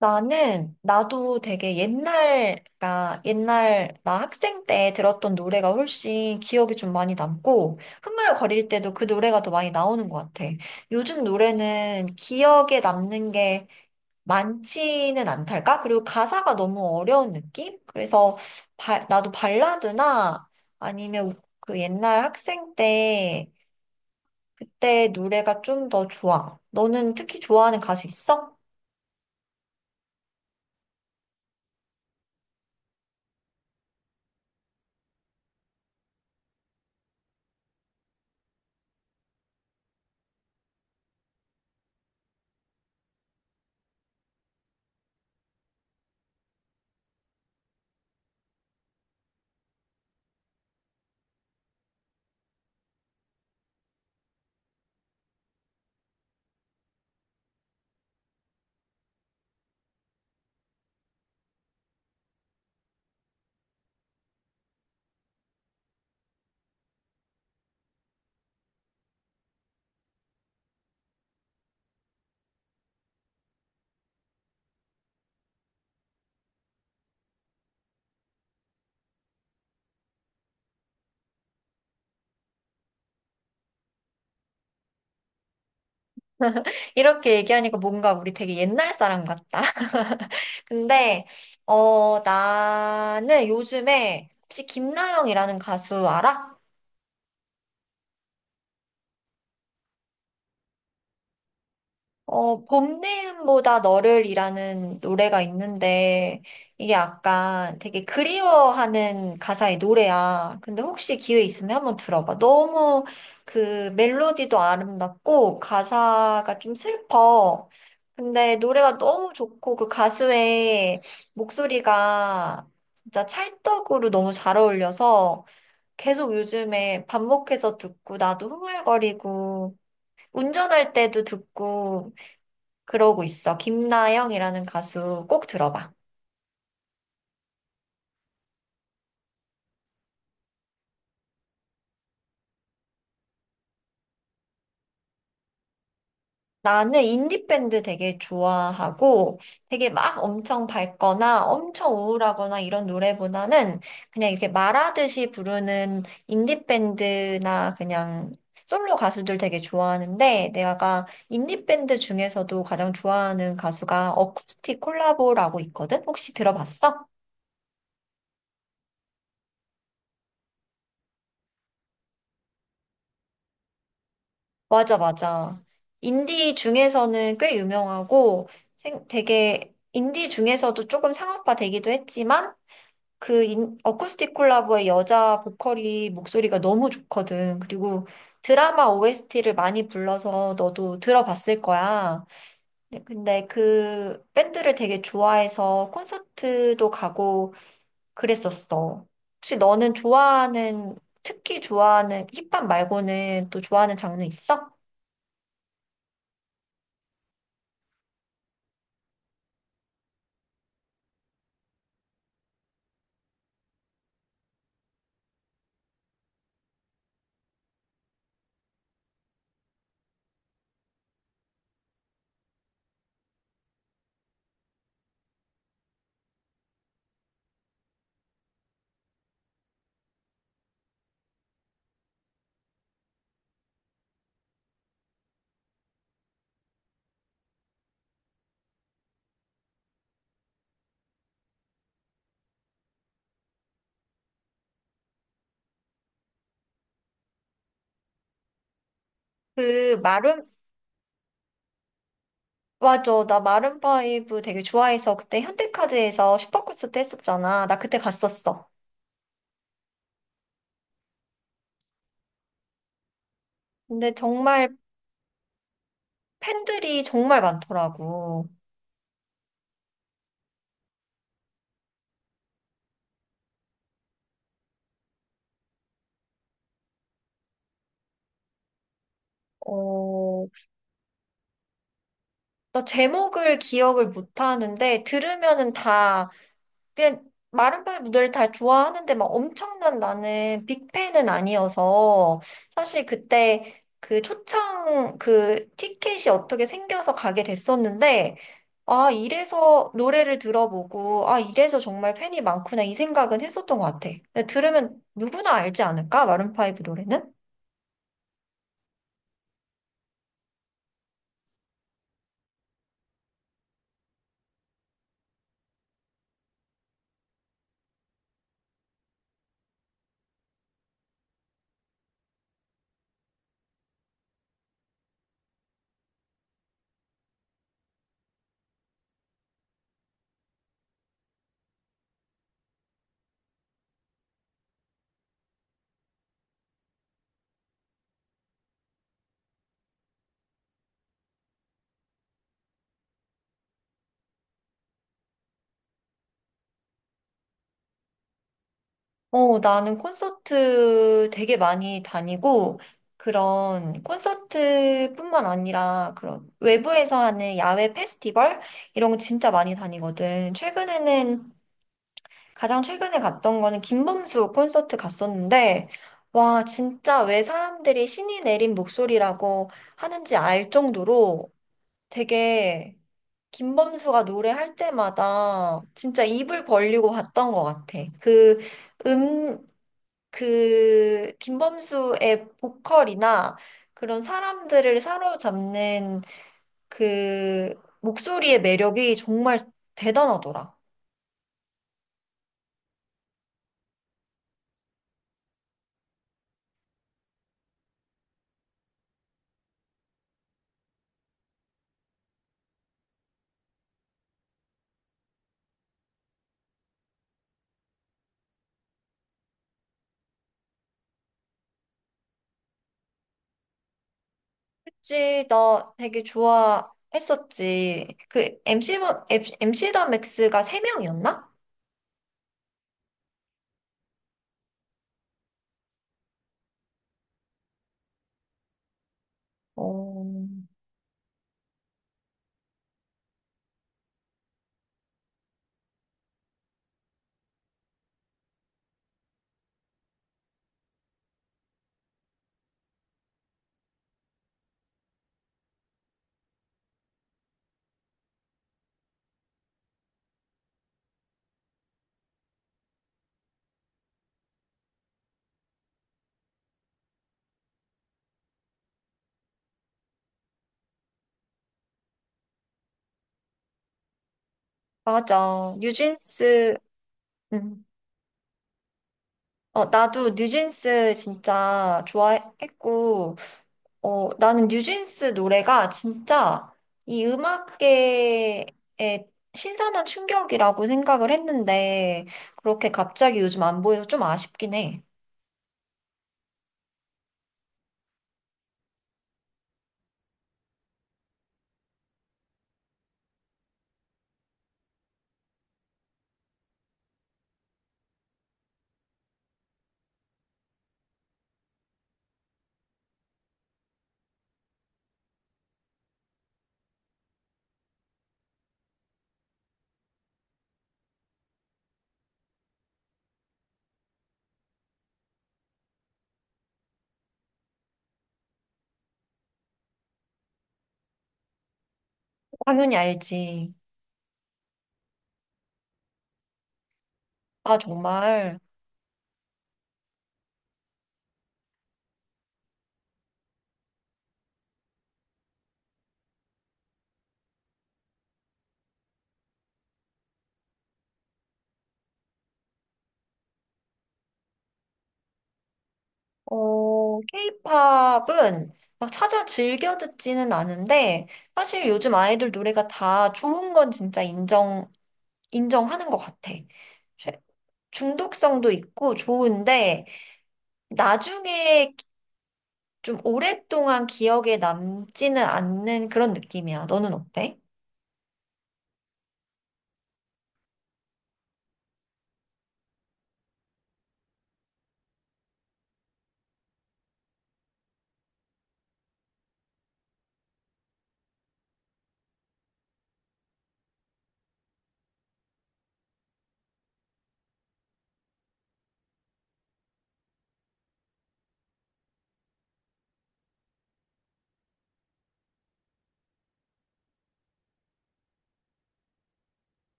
나는, 나도 되게 옛날, 나 학생 때 들었던 노래가 훨씬 기억이 좀 많이 남고, 흥얼거릴 때도 그 노래가 더 많이 나오는 것 같아. 요즘 노래는 기억에 남는 게 많지는 않달까? 그리고 가사가 너무 어려운 느낌? 그래서 나도 발라드나 아니면 그 옛날 학생 때 그때 노래가 좀 더 좋아. 너는 특히 좋아하는 가수 있어? 이렇게 얘기하니까 뭔가 우리 되게 옛날 사람 같다. 근데, 나는 요즘에 혹시 김나영이라는 가수 알아? 어, 봄내음보다 너를이라는 노래가 있는데, 이게 약간 되게 그리워하는 가사의 노래야. 근데 혹시 기회 있으면 한번 들어봐. 너무 그 멜로디도 아름답고, 가사가 좀 슬퍼. 근데 노래가 너무 좋고, 그 가수의 목소리가 진짜 찰떡으로 너무 잘 어울려서, 계속 요즘에 반복해서 듣고, 나도 흥얼거리고, 운전할 때도 듣고, 그러고 있어. 김나영이라는 가수 꼭 들어봐. 나는 인디밴드 되게 좋아하고 되게 막 엄청 밝거나 엄청 우울하거나 이런 노래보다는 그냥 이렇게 말하듯이 부르는 인디밴드나 그냥 솔로 가수들 되게 좋아하는데 내가 인디밴드 중에서도 가장 좋아하는 가수가 어쿠스틱 콜라보라고 있거든? 혹시 들어봤어? 맞아, 맞아. 인디 중에서는 꽤 유명하고 되게 인디 중에서도 조금 상업화 되기도 했지만 어쿠스틱 콜라보의 여자 보컬이 목소리가 너무 좋거든. 그리고 드라마 OST를 많이 불러서 너도 들어봤을 거야. 네, 근데 그 밴드를 되게 좋아해서 콘서트도 가고 그랬었어. 혹시 너는 좋아하는, 특히 좋아하는 힙합 말고는 또 좋아하는 장르 있어? 그 마룸 맞아. 나 마룬파이브 되게 좋아해서 그때 현대카드에서 슈퍼콘서트 했었잖아. 나 그때 갔었어. 근데 정말 팬들이 정말 많더라고. 어, 나 제목을 기억을 못 하는데 들으면은 다 그냥 마룬파이브 노래를 다 좋아하는데 막 엄청난 나는 빅팬은 아니어서 사실 그때 그 초창 그 티켓이 어떻게 생겨서 가게 됐었는데 아 이래서 노래를 들어보고 아 이래서 정말 팬이 많구나 이 생각은 했었던 것 같아. 들으면 누구나 알지 않을까? 마룬파이브 노래는? 어, 나는 콘서트 되게 많이 다니고, 그런 콘서트뿐만 아니라 그런 외부에서 하는 야외 페스티벌? 이런 거 진짜 많이 다니거든. 최근에는, 가장 최근에 갔던 거는 김범수 콘서트 갔었는데, 와, 진짜 왜 사람들이 신이 내린 목소리라고 하는지 알 정도로 되게 김범수가 노래할 때마다 진짜 입을 벌리고 봤던 것 같아. 음, 그 김범수의 보컬이나 그런 사람들을 사로잡는 그 목소리의 매력이 정말 대단하더라. 그치, 나 되게 좋아했었지. 그 MC, MC 더 맥스가 세명이었나. 어, 맞아. 뉴진스, 음. 어, 나도 뉴진스 진짜 좋아했고, 어, 나는 뉴진스 노래가 진짜 이 음악계에 신선한 충격이라고 생각을 했는데, 그렇게 갑자기 요즘 안 보여서 좀 아쉽긴 해. 당연히 알지. 아, 정말. 어, 케이팝은 막 찾아 즐겨 듣지는 않은데, 사실 요즘 아이돌 노래가 다 좋은 건 진짜 인정하는 것 같아. 중독성도 있고 좋은데, 나중에 좀 오랫동안 기억에 남지는 않는 그런 느낌이야. 너는 어때?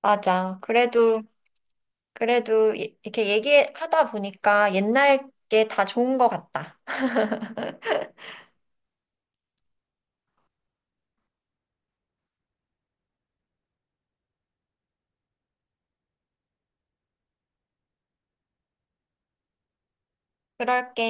맞아. 그래도, 그래도 이렇게 얘기하다 보니까 옛날 게 다 좋은 것 같다. 그럴게.